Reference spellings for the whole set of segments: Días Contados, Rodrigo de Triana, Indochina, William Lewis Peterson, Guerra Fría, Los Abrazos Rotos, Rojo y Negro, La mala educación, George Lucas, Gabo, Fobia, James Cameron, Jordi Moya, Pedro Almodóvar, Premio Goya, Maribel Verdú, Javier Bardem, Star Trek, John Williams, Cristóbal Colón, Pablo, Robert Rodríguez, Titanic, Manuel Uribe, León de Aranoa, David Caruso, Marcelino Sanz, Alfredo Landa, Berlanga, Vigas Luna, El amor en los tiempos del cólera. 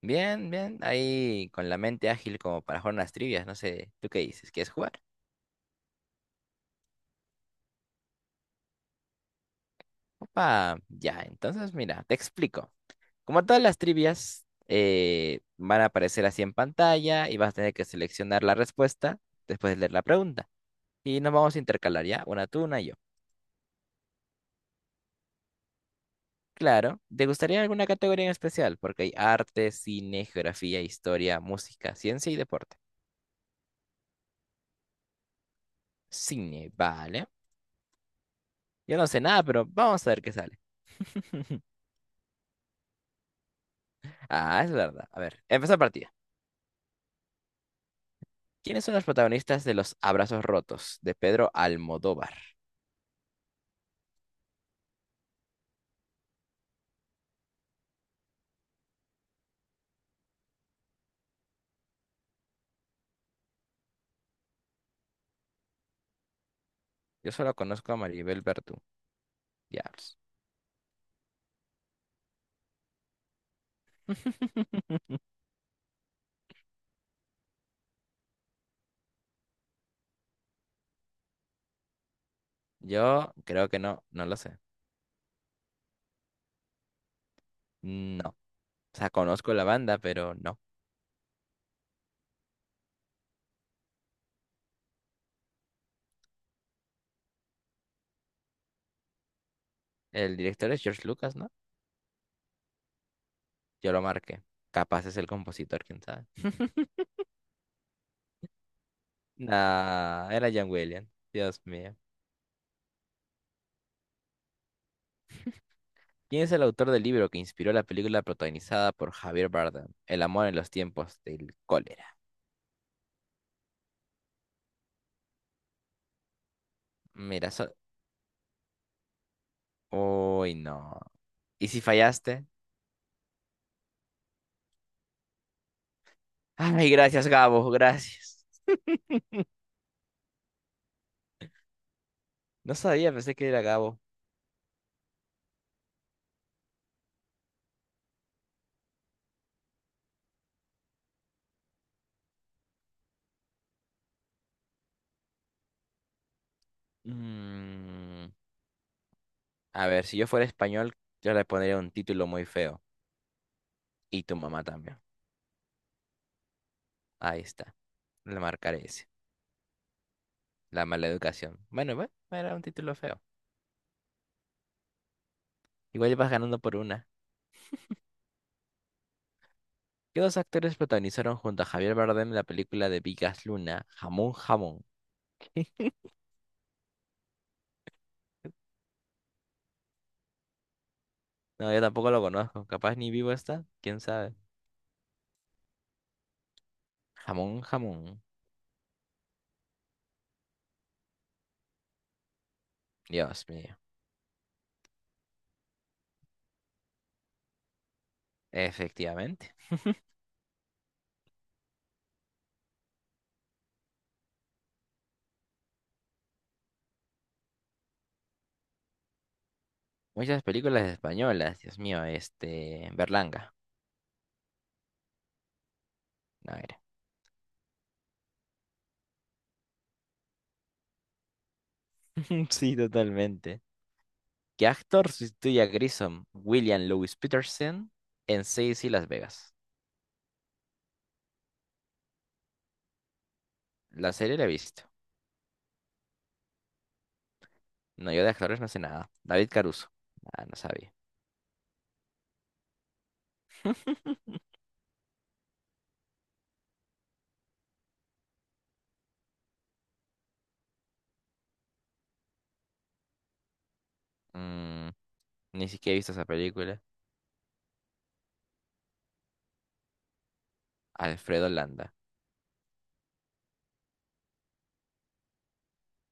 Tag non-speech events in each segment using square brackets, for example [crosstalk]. Bien, bien, ahí con la mente ágil como para jugar unas trivias, no sé, ¿tú qué dices? ¿Quieres jugar? Opa, ya, entonces mira, te explico. Como todas las trivias van a aparecer así en pantalla y vas a tener que seleccionar la respuesta después de leer la pregunta. Y nos vamos a intercalar ya, una tú, una yo. Claro, ¿te gustaría alguna categoría en especial? Porque hay arte, cine, geografía, historia, música, ciencia y deporte. Cine, vale. Yo no sé nada, pero vamos a ver qué sale. Ah, es verdad. A ver, empezar partida. ¿Quiénes son los protagonistas de Los Abrazos Rotos de Pedro Almodóvar? Yo solo conozco a Maribel Verdú. Diablos. [laughs] Yo creo que no, no lo sé. No. O sea, conozco la banda, pero no. El director es George Lucas, ¿no? Yo lo marqué. Capaz es el compositor, quién sabe. Nah, era John Williams. Dios mío. ¿Quién es el autor del libro que inspiró la película protagonizada por Javier Bardem? El amor en los tiempos del cólera. Mira, Uy, no. ¿Y si fallaste? Ay, gracias, Gabo, gracias. No sabía, pensé que era Gabo. Mm, a ver, si yo fuera español, yo le pondría un título muy feo. Y tu mamá también. Ahí está. Le marcaré ese. La mala educación. Bueno, bueno, era un título feo. Igual ibas ganando por una. ¿Qué dos actores protagonizaron junto a Javier Bardem la película de Vigas Luna, Jamón Jamón? No, yo tampoco lo conozco. Capaz ni vivo está. ¿Quién sabe? Jamón Jamón. Dios mío. Efectivamente. Muchas películas españolas, Dios mío, Berlanga. A ver. [laughs] Sí, totalmente. ¿Qué actor sustituye a Grissom? William Lewis Peterson en Seis y Las Vegas. La serie la he visto. No, yo de actores no sé nada. David Caruso. Ah, no sabía. Mm, Ni siquiera he visto esa película. Alfredo Landa.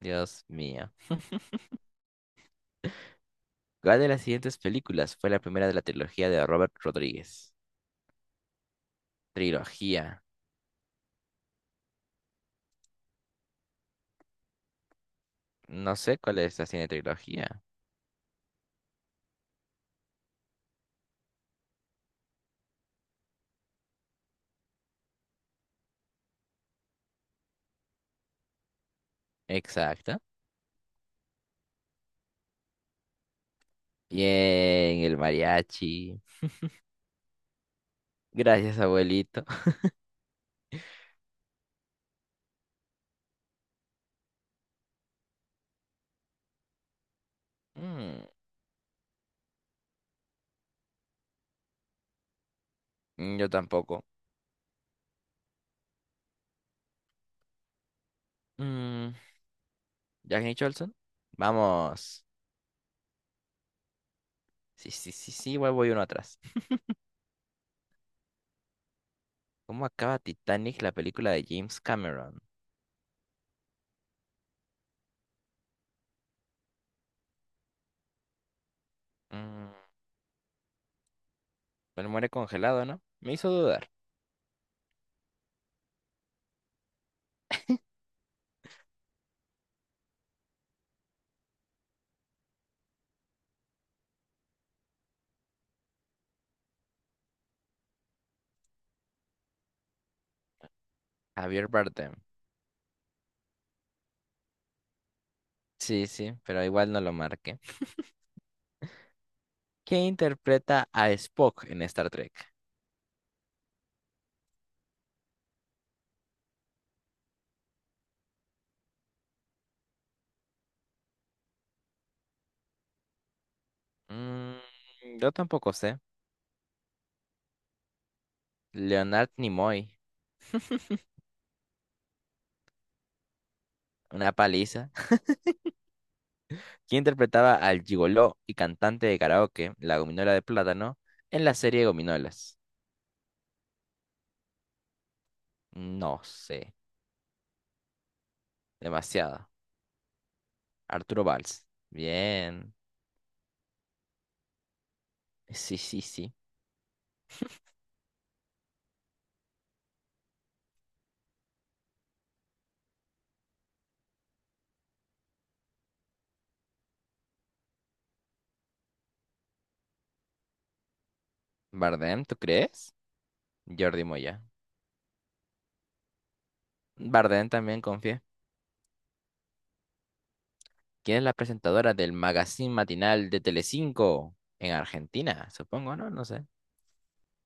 Dios mío. ¿Cuál de las siguientes películas fue la primera de la trilogía de Robert Rodríguez? Trilogía. No sé cuál es la cine trilogía. Exacto. Bien, el mariachi. Gracias, abuelito. Mm, yo tampoco. Mm, Jack Nicholson. Vamos. Sí, sí, sí, sí, voy uno atrás. ¿Cómo acaba Titanic, la película de James Cameron? Mm, Él muere congelado, ¿no? Me hizo dudar. Javier Bardem. Sí, sí, pero igual no lo marqué. ¿Quién interpreta a Spock en Star Trek? Mm, yo tampoco sé. Leonard Nimoy. Una paliza. Quien interpretaba al gigoló y cantante de karaoke, la gominola de plátano, en la serie Gominolas. No sé, demasiado. Arturo Valls. Bien. Sí, sí, sí. Bardem, ¿tú crees? Jordi Moya. Bardem también confía. ¿Quién es la presentadora del magazine matinal de Telecinco? En Argentina, supongo, ¿no? No sé.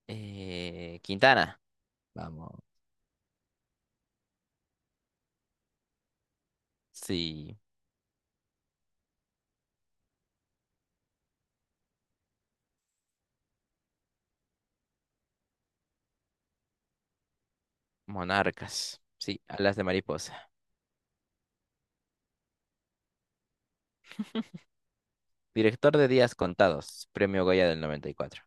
Quintana. Vamos. Sí. Monarcas. Sí, alas de mariposa. Director de Días Contados, Premio Goya del 94.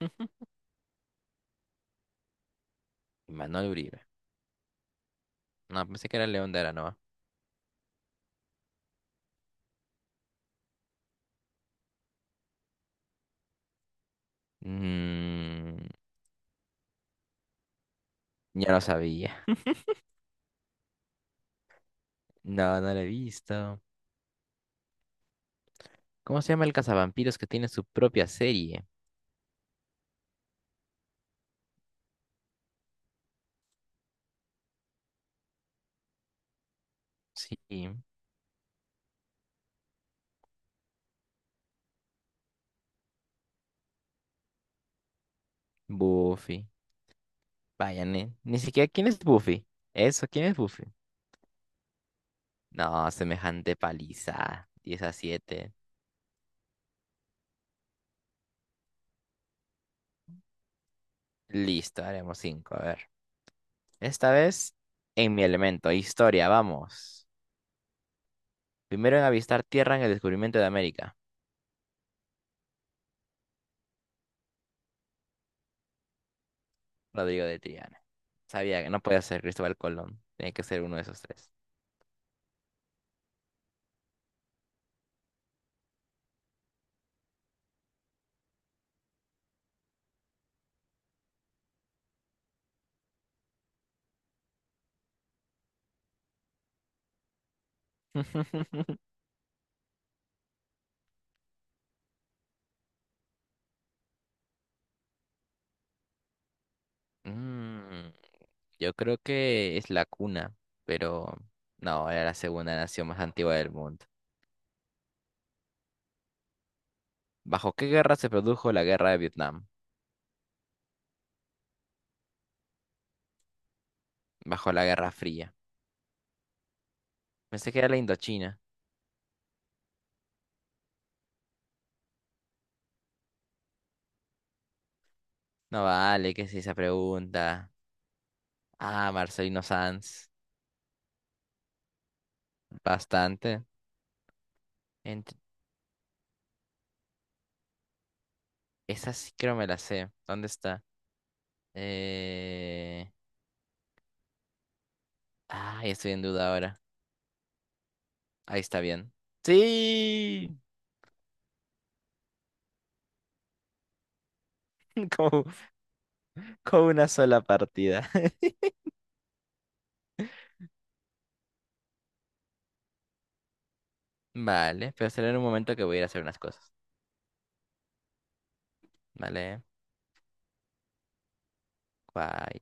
[laughs] Manuel Uribe. No, pensé que era León de Aranoa. Mm, ya lo sabía. No, no lo he visto. ¿Cómo se llama el cazavampiros que tiene su propia serie? Sí, Buffy. Vaya, ni siquiera quién es Buffy. Eso, ¿quién es Buffy? No, semejante paliza. 10-7. Listo, haremos 5. A ver. Esta vez en mi elemento, historia, vamos. Primero en avistar tierra en el descubrimiento de América. Rodrigo de Triana. Sabía que no podía ser Cristóbal Colón. Tenía que ser uno de esos tres. Mm, yo creo que es la cuna, pero no, era la segunda nación más antigua del mundo. ¿Bajo qué guerra se produjo la guerra de Vietnam? Bajo la Guerra Fría. Pensé que era la Indochina. No vale, que es esa pregunta? Ah, Marcelino Sanz. Bastante. Ent- Esa sí creo me la sé. ¿Dónde está? Eh... Ah, estoy en duda ahora. Ahí está bien. Sí, [laughs] como con una sola partida. [laughs] Vale, pero será en un momento que voy a ir a hacer unas cosas. Vale, bye.